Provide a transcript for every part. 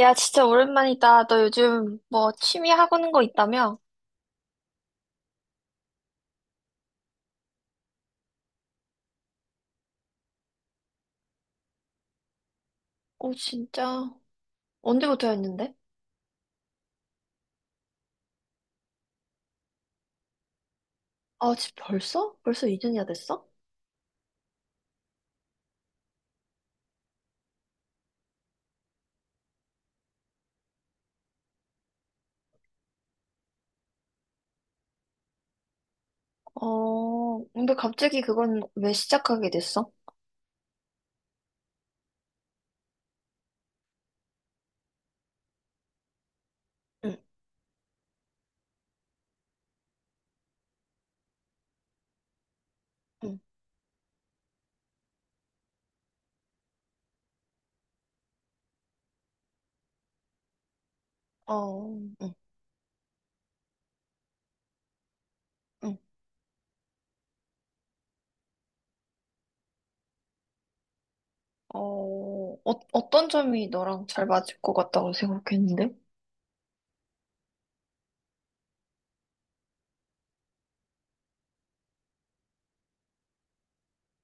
야, 진짜 오랜만이다. 너 요즘 뭐 취미 하고 있는 거 있다며? 어, 진짜. 언제부터 했는데? 아, 지 벌써? 벌써 2년이나 됐어? 어, 근데 갑자기 그건 왜 시작하게 됐어? 응, 응, 어, 응, 응. 어, 어, 어떤 점이 너랑 잘 맞을 것 같다고 생각했는데?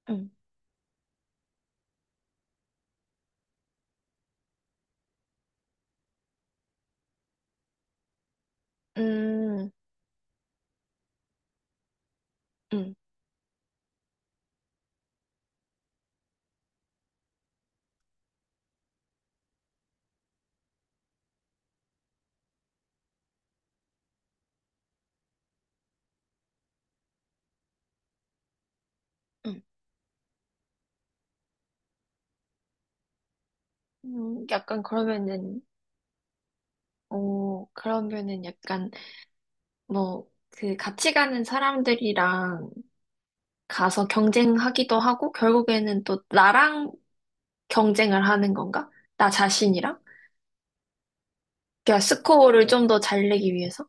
응, 음, 응, 응. 약간 그러면은, 어, 그러면은 약간 뭐, 그 같이 가는 사람들이랑 가서 경쟁하기도 하고, 결국에는 또 나랑 경쟁을 하는 건가? 나 자신이랑? 그러니까 스코어를 좀 더 잘 내기 위해서?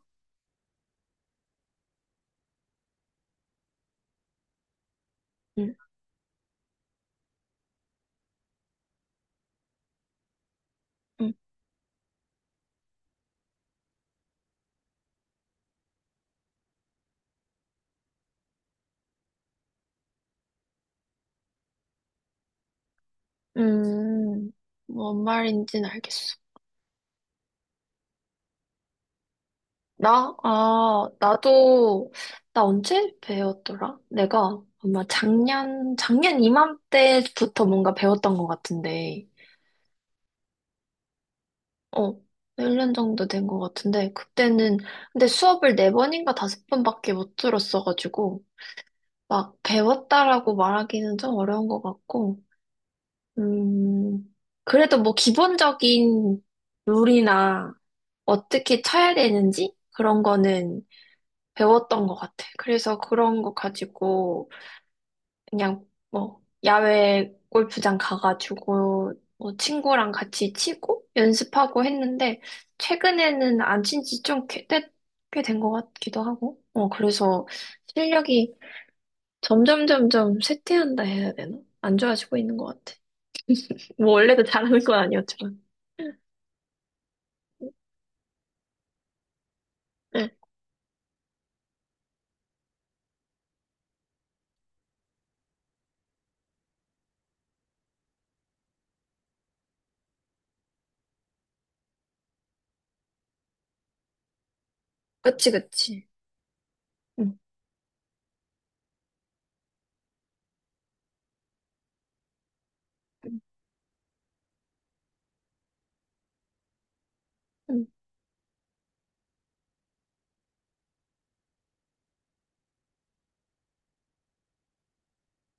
응, 응, 음, 뭔 말인지는 알겠어. 나, 아, 나도, 나 언제 배웠더라? 내가 아마 작년 이맘때부터 뭔가 배웠던 것 같은데, 어, 1년 정도 된 것 같은데, 그때는, 근데 수업을 네번인가 다섯 번밖에 못 들었어가지고, 막 배웠다라고 말하기는 좀 어려운 것 같고, 음, 그래도 뭐 기본적인 룰이나 어떻게 쳐야 되는지 그런 거는 배웠던 것 같아. 그래서 그런 거 가지고 그냥 뭐 야외 골프장 가가지고 뭐 친구랑 같이 치고 연습하고 했는데 최근에는 안 친지 좀 꽤 된 것 같기도 하고, 어, 그래서 실력이 점점 점점 쇠퇴한다 해야 되나? 안 좋아지고 있는 것 같아. 뭐 원래도 잘하는 건 아니었지만. 응, 그치, 그치. 응, 응, 응.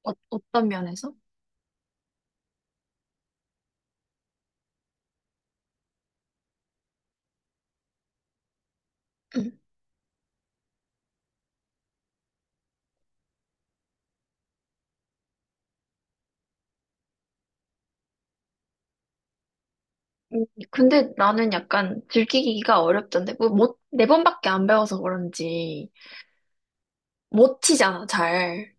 어, 어떤 면에서? 응. 음, 근데 나는 약간 들키기가 어렵던데. 뭐, 못, 네 번밖에 안 배워서 그런지 못 치잖아, 잘.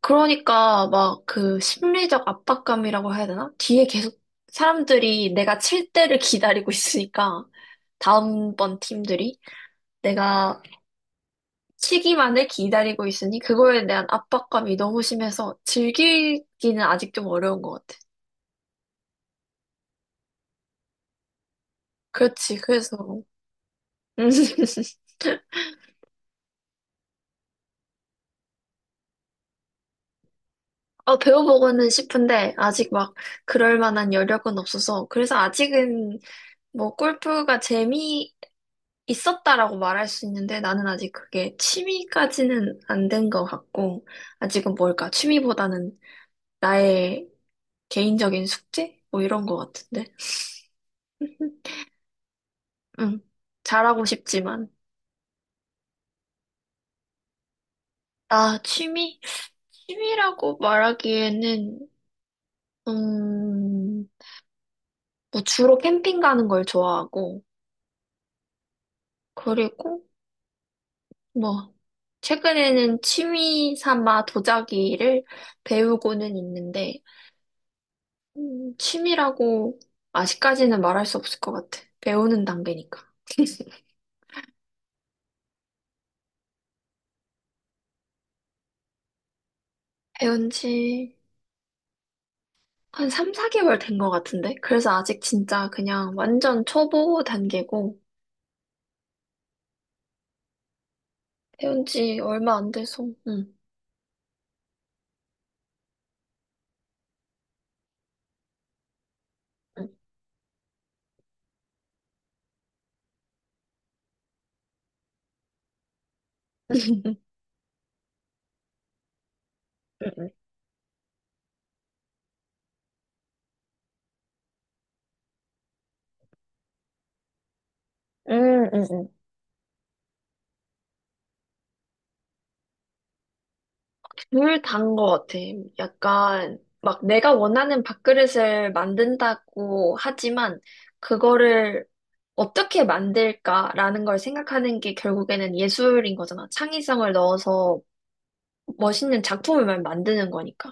그러니까 막 그 심리적 압박감이라고 해야 되나? 뒤에 계속 사람들이 내가 칠 때를 기다리고 있으니까. 다음번 팀들이 내가 시기만을 기다리고 있으니 그거에 대한 압박감이 너무 심해서 즐기기는 아직 좀 어려운 것 같아. 그렇지, 그래서. 음. 어, 배워보고는 싶은데, 아직 막, 그럴 만한 여력은 없어서, 그래서 아직은, 뭐, 골프가 재미 있었다라고 말할 수 있는데, 나는 아직 그게 취미까지는 안 된 것 같고, 아직은 뭘까, 취미보다는 나의 개인적인 숙제? 뭐 이런 것 같은데. 응, 잘하고 싶지만. 아, 취미? 취미라고 말하기에는, 음, 뭐 주로 캠핑 가는 걸 좋아하고, 그리고 뭐, 최근에는 취미 삼아 도자기를 배우고는 있는데, 취미라고 아직까지는 말할 수 없을 것 같아. 배우는 단계니까. 배운 지 한 3, 4개월 된 것 같은데? 그래서 아직 진짜 그냥 완전 초보 단계고, 배운 지 얼마 안 돼서, 응. 응. 음, 음, 음. 둘 다인 것 같아. 약간 막 내가 원하는 밥그릇을 만든다고 하지만 그거를 어떻게 만들까라는 걸 생각하는 게 결국에는 예술인 거잖아. 창의성을 넣어서 멋있는 작품을 만드는 거니까.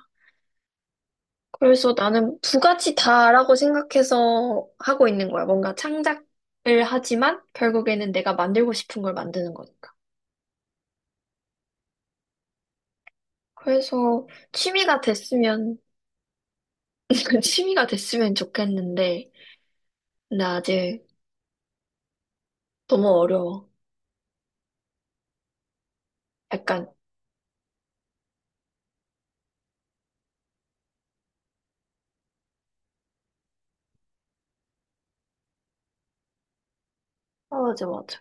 그래서 나는 두 가지 다라고 생각해서 하고 있는 거야. 뭔가 창작을 하지만 결국에는 내가 만들고 싶은 걸 만드는 거니까. 그래서 취미가 됐으면 취미가 됐으면 좋겠는데, 근데 아직 너무 어려워. 약간, 어, 맞아, 맞아.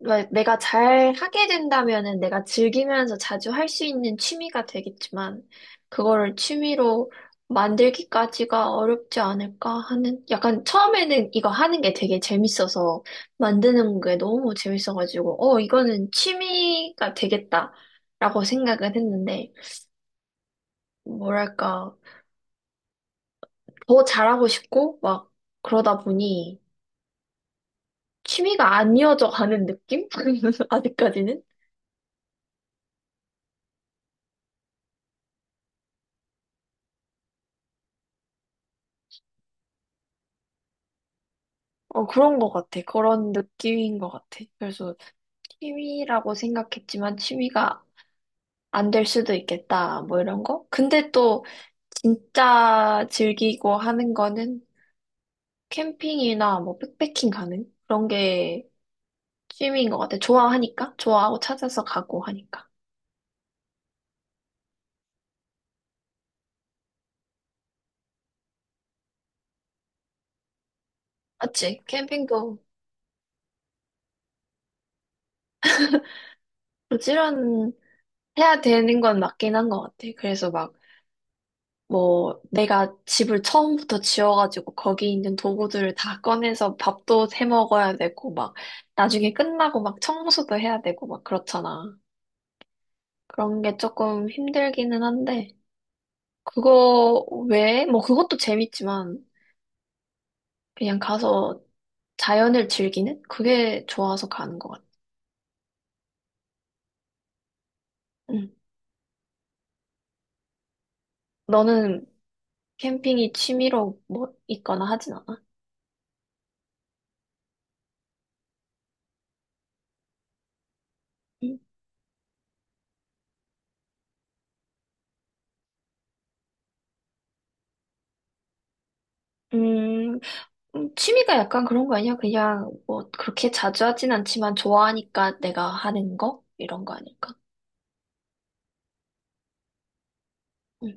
왜 내가 잘 하게 된다면은 내가 즐기면서 자주 할 수 있는 취미가 되겠지만, 그거를 취미로 만들기까지가 어렵지 않을까 하는, 약간 처음에는 이거 하는 게 되게 재밌어서, 만드는 게 너무 재밌어가지고, 어, 이거는 취미가 되겠다. 라고 생각은 했는데, 뭐랄까, 더 잘하고 싶고, 막, 그러다 보니, 취미가 안 이어져 가는 느낌? 아직까지는? 어, 그런 것 같아. 그런 느낌인 것 같아. 그래서 취미라고 생각했지만 취미가 안 될 수도 있겠다. 뭐 이런 거? 근데 또 진짜 즐기고 하는 거는 캠핑이나 뭐 백패킹 가는 그런 게 취미인 것 같아. 좋아하니까? 좋아하고 찾아서 가고 하니까. 맞지? 캠핑도 부지런 해야 되는 건 맞긴 한 것 같아. 그래서 막 뭐 내가 집을 처음부터 지어가지고 거기 있는 도구들을 다 꺼내서 밥도 해 먹어야 되고 막 나중에 끝나고 막 청소도 해야 되고 막 그렇잖아. 그런 게 조금 힘들기는 한데 그거 외에 뭐 그것도 재밌지만 그냥 가서 자연을 즐기는 그게 좋아서 가는 것 같아. 응. 너는 캠핑이 취미로 뭐 있거나 하진 않아? 응. 음, 취미가 약간 그런 거 아니야? 그냥 뭐 그렇게 자주 하진 않지만 좋아하니까 내가 하는 거? 이런 거 아닐까? 응,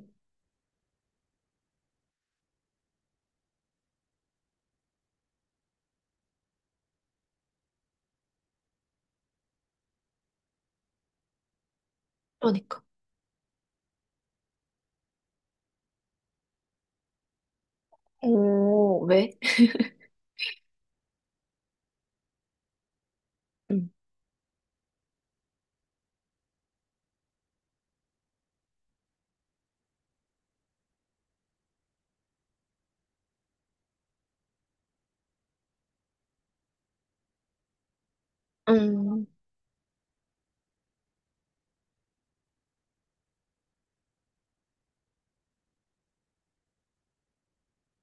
그러니까. 오, 왜? 응, 음,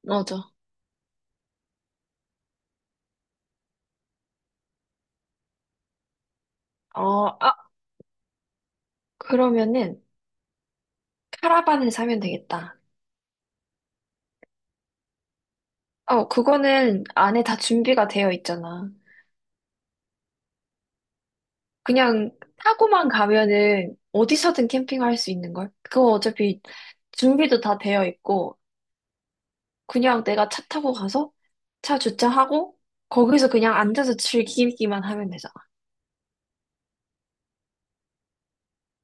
맞아. 어, 아, 그러면은 카라반을 사면 되겠다. 어, 그거는 안에 다 준비가 되어 있잖아. 그냥 타고만 가면은 어디서든 캠핑할 수 있는 걸? 그거 어차피 준비도 다 되어 있고 그냥 내가 차 타고 가서 차 주차하고 거기서 그냥 앉아서 즐기기만 하면 되잖아.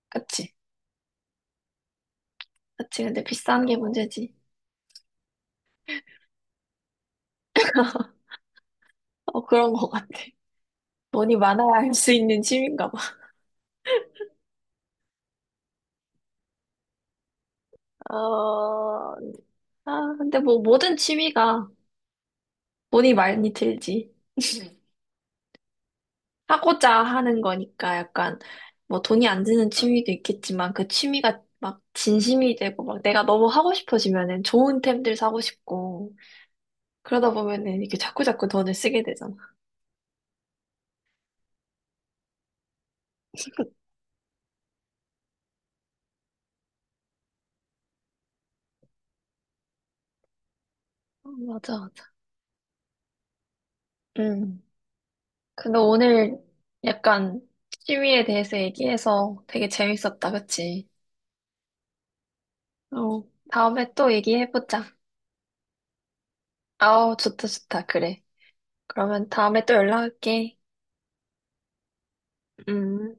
그치? 그치. 근데 비싼 게 문제지. 어, 그런 것 같아. 돈이 많아야 할 수 있는 취미인가 봐. 어, 아, 근데 뭐 모든 취미가 돈이 많이 들지. 하고자 하는 거니까 약간 뭐 돈이 안 드는 취미도 있겠지만 그 취미가 막 진심이 되고 막 내가 너무 하고 싶어지면은 좋은 템들 사고 싶고 그러다 보면은 이렇게 자꾸자꾸 돈을 쓰게 되잖아. 어, 맞아, 맞아. 음. 근데 오늘 약간 취미에 대해서 얘기해서 되게 재밌었다, 그치? 어. 다음에 또 얘기해보자. 아우, 좋다, 좋다. 그래. 그러면 다음에 또 연락할게. 음.